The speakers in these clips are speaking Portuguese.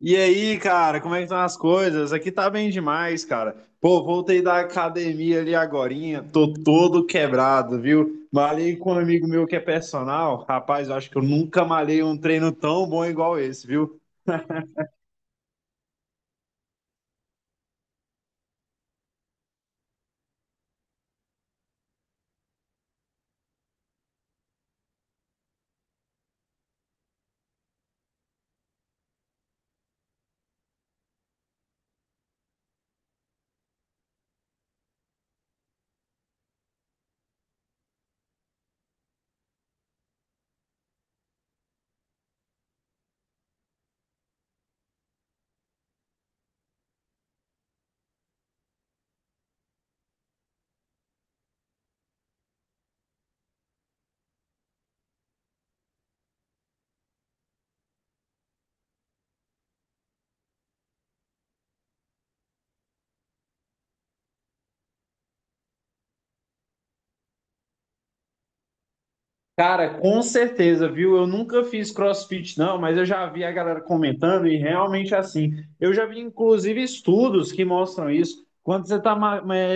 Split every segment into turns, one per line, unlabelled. E aí, cara, como é que estão as coisas? Aqui tá bem demais, cara. Pô, voltei da academia ali agorinha, tô todo quebrado, viu? Malhei com um amigo meu que é personal. Rapaz, eu acho que eu nunca malhei um treino tão bom igual esse, viu? Cara, com certeza, viu? Eu nunca fiz CrossFit, não, mas eu já vi a galera comentando e realmente é assim. Eu já vi, inclusive, estudos que mostram isso. Quando você está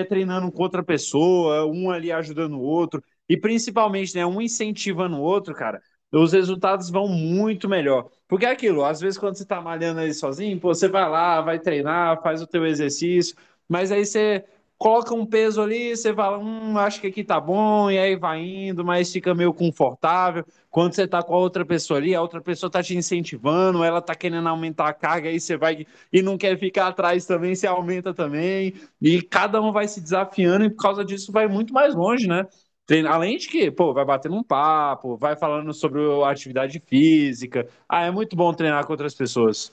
treinando com outra pessoa, um ali ajudando o outro, e principalmente, né, um incentivando o outro, cara, os resultados vão muito melhor. Porque é aquilo, às vezes, quando você está malhando ali sozinho, pô, você vai lá, vai treinar, faz o teu exercício, mas aí você coloca um peso ali, você fala, acho que aqui tá bom, e aí vai indo, mas fica meio confortável. Quando você tá com a outra pessoa ali, a outra pessoa tá te incentivando, ela tá querendo aumentar a carga, aí você vai e não quer ficar atrás também, você aumenta também, e cada um vai se desafiando, e por causa disso vai muito mais longe, né? Tem, além de que, pô, vai batendo um papo, vai falando sobre a atividade física. Ah, é muito bom treinar com outras pessoas.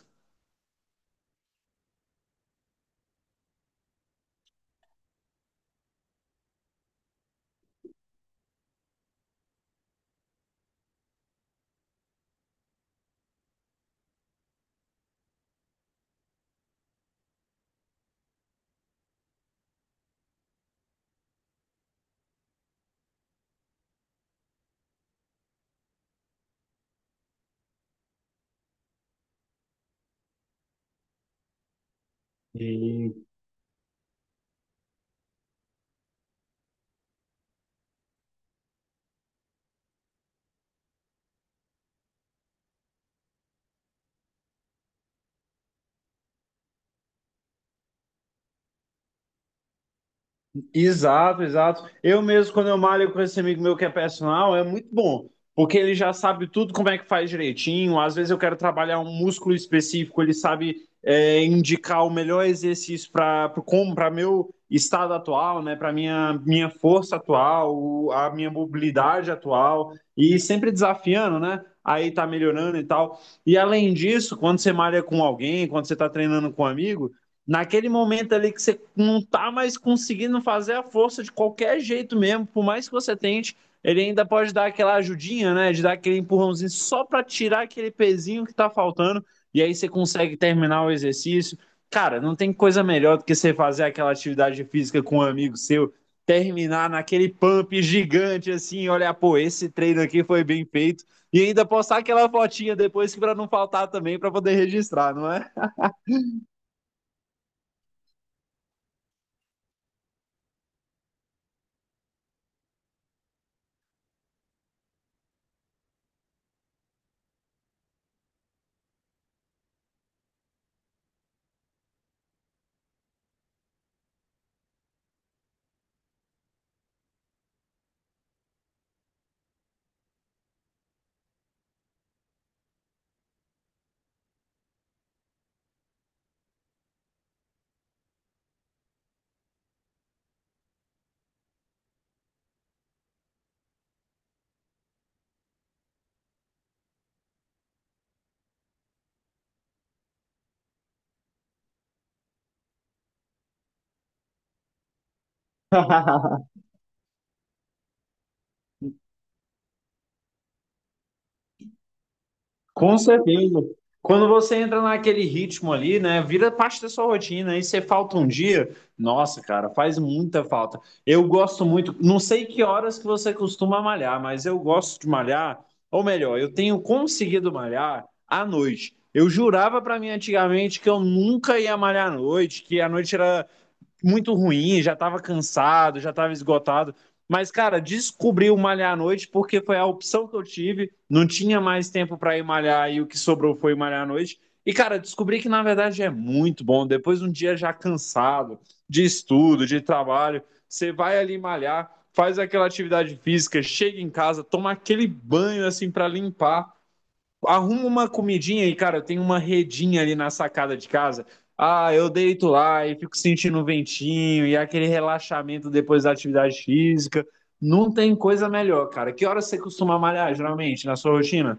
Exato, exato. Eu mesmo, quando eu malho com esse amigo meu que é personal, é muito bom, porque ele já sabe tudo como é que faz direitinho. Às vezes eu quero trabalhar um músculo específico, ele sabe é, indicar o melhor exercício para como para meu estado atual, né? Para minha força atual, a minha mobilidade atual e sempre desafiando, né? Aí tá melhorando e tal. E além disso, quando você malha com alguém, quando você tá treinando com um amigo naquele momento ali que você não tá mais conseguindo fazer a força de qualquer jeito mesmo, por mais que você tente, ele ainda pode dar aquela ajudinha, né? De dar aquele empurrãozinho só para tirar aquele pezinho que tá faltando, e aí você consegue terminar o exercício. Cara, não tem coisa melhor do que você fazer aquela atividade física com um amigo seu, terminar naquele pump gigante assim, olha, pô, esse treino aqui foi bem feito. E ainda postar aquela fotinha depois que para não faltar também para poder registrar, não é? Com certeza. Quando você entra naquele ritmo ali, né, vira parte da sua rotina, aí você falta um dia, nossa, cara, faz muita falta. Eu gosto muito, não sei que horas que você costuma malhar, mas eu gosto de malhar, ou melhor, eu tenho conseguido malhar à noite. Eu jurava pra mim antigamente que eu nunca ia malhar à noite, que a noite era muito ruim, já tava cansado, já tava esgotado. Mas, cara, descobri o malhar à noite porque foi a opção que eu tive. Não tinha mais tempo para ir malhar e o que sobrou foi malhar à noite. E, cara, descobri que na verdade é muito bom. Depois de um dia já cansado de estudo, de trabalho, você vai ali malhar, faz aquela atividade física, chega em casa, toma aquele banho assim para limpar arruma uma comidinha e, cara, tem uma redinha ali na sacada de casa. Ah, eu deito lá e fico sentindo o ventinho e aquele relaxamento depois da atividade física. Não tem coisa melhor, cara. Que hora você costuma malhar, geralmente, na sua rotina?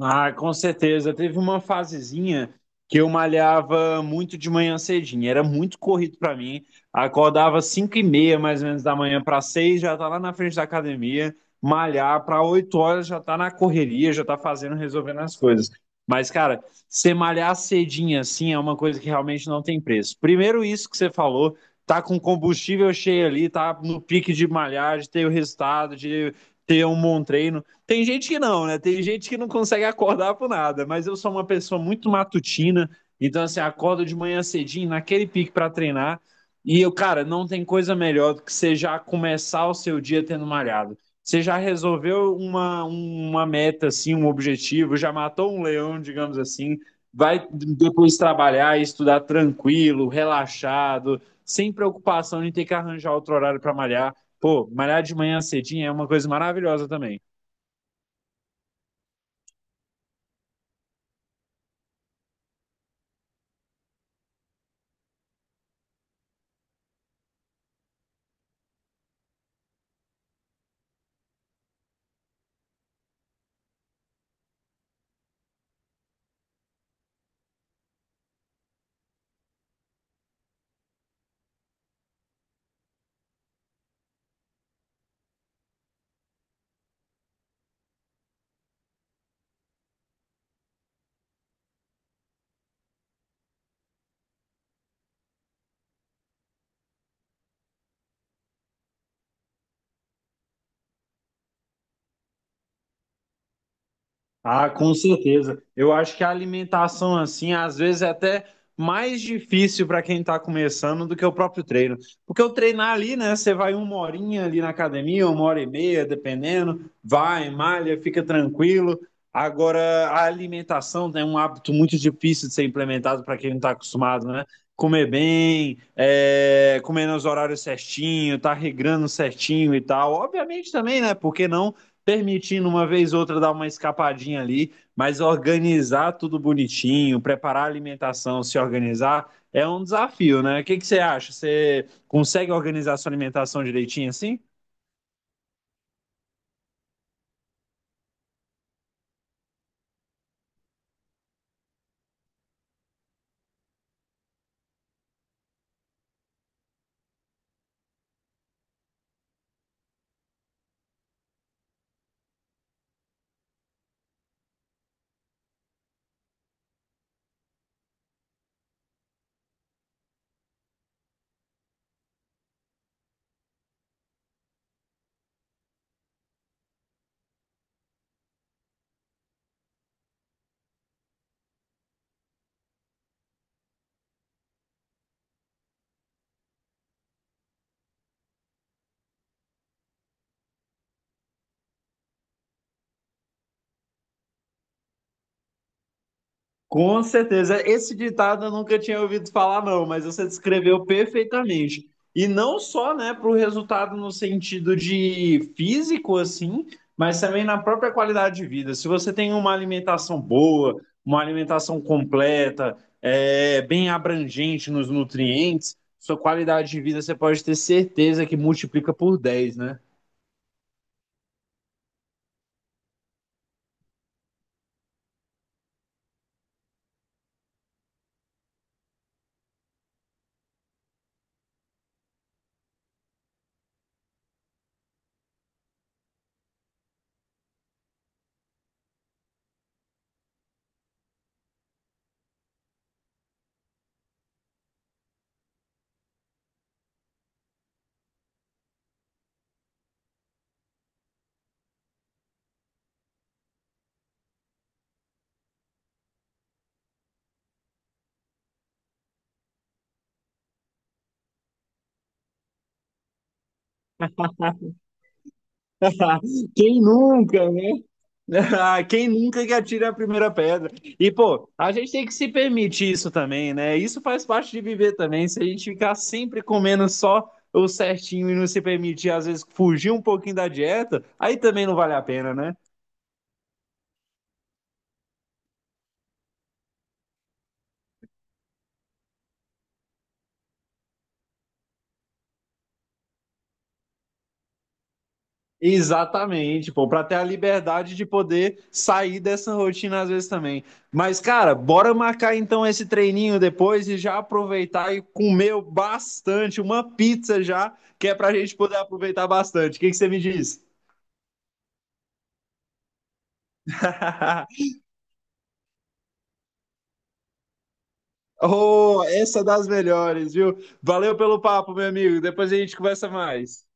Ah, com certeza. Teve uma fasezinha que eu malhava muito de manhã cedinho. Era muito corrido para mim. Acordava 5:30, mais ou menos, da manhã para 6, já tá lá na frente da academia, malhar para 8 horas, já tá na correria, já tá fazendo, resolvendo as coisas. Mas, cara, você malhar cedinho assim é uma coisa que realmente não tem preço. Primeiro, isso que você falou, tá com combustível cheio ali, tá no pique de malhar, de ter o resultado, de ter um bom treino. Tem gente que não, né? Tem gente que não consegue acordar por nada, mas eu sou uma pessoa muito matutina, então assim, acordo de manhã cedinho, naquele pique para treinar, e eu, cara, não tem coisa melhor do que você já começar o seu dia tendo malhado. Você já resolveu uma meta, assim, um objetivo, já matou um leão, digamos assim, vai depois trabalhar e estudar tranquilo, relaxado, sem preocupação de ter que arranjar outro horário para malhar. Pô, malhar de manhã cedinho é uma coisa maravilhosa também. Ah, com certeza. Eu acho que a alimentação, assim, às vezes é até mais difícil para quem está começando do que o próprio treino. Porque o treinar ali, né? Você vai uma horinha ali na academia, uma hora e meia, dependendo, vai, malha, fica tranquilo. Agora, a alimentação né, é um hábito muito difícil de ser implementado para quem não está acostumado, né? Comer bem, é, comer nos horários certinho, tá regrando certinho e tal. Obviamente também, né? Por que não? Permitindo uma vez ou outra dar uma escapadinha ali, mas organizar tudo bonitinho, preparar a alimentação, se organizar, é um desafio, né? O que que você acha? Você consegue organizar a sua alimentação direitinho assim? Com certeza. Esse ditado eu nunca tinha ouvido falar, não, mas você descreveu perfeitamente. E não só, né, para o resultado no sentido de físico, assim, mas também na própria qualidade de vida. Se você tem uma alimentação boa, uma alimentação completa, é, bem abrangente nos nutrientes, sua qualidade de vida você pode ter certeza que multiplica por 10, né? Quem nunca, né? Quem nunca que atira a primeira pedra? E, pô, a gente tem que se permitir isso também, né? Isso faz parte de viver também. Se a gente ficar sempre comendo só o certinho e não se permitir, às vezes, fugir um pouquinho da dieta, aí também não vale a pena, né? Exatamente, pô, para ter a liberdade de poder sair dessa rotina às vezes também. Mas, cara, bora marcar então esse treininho depois e já aproveitar e comer bastante, uma pizza já, que é pra gente poder aproveitar bastante. O que que você me diz? Oh, essa é das melhores, viu? Valeu pelo papo, meu amigo. Depois a gente conversa mais.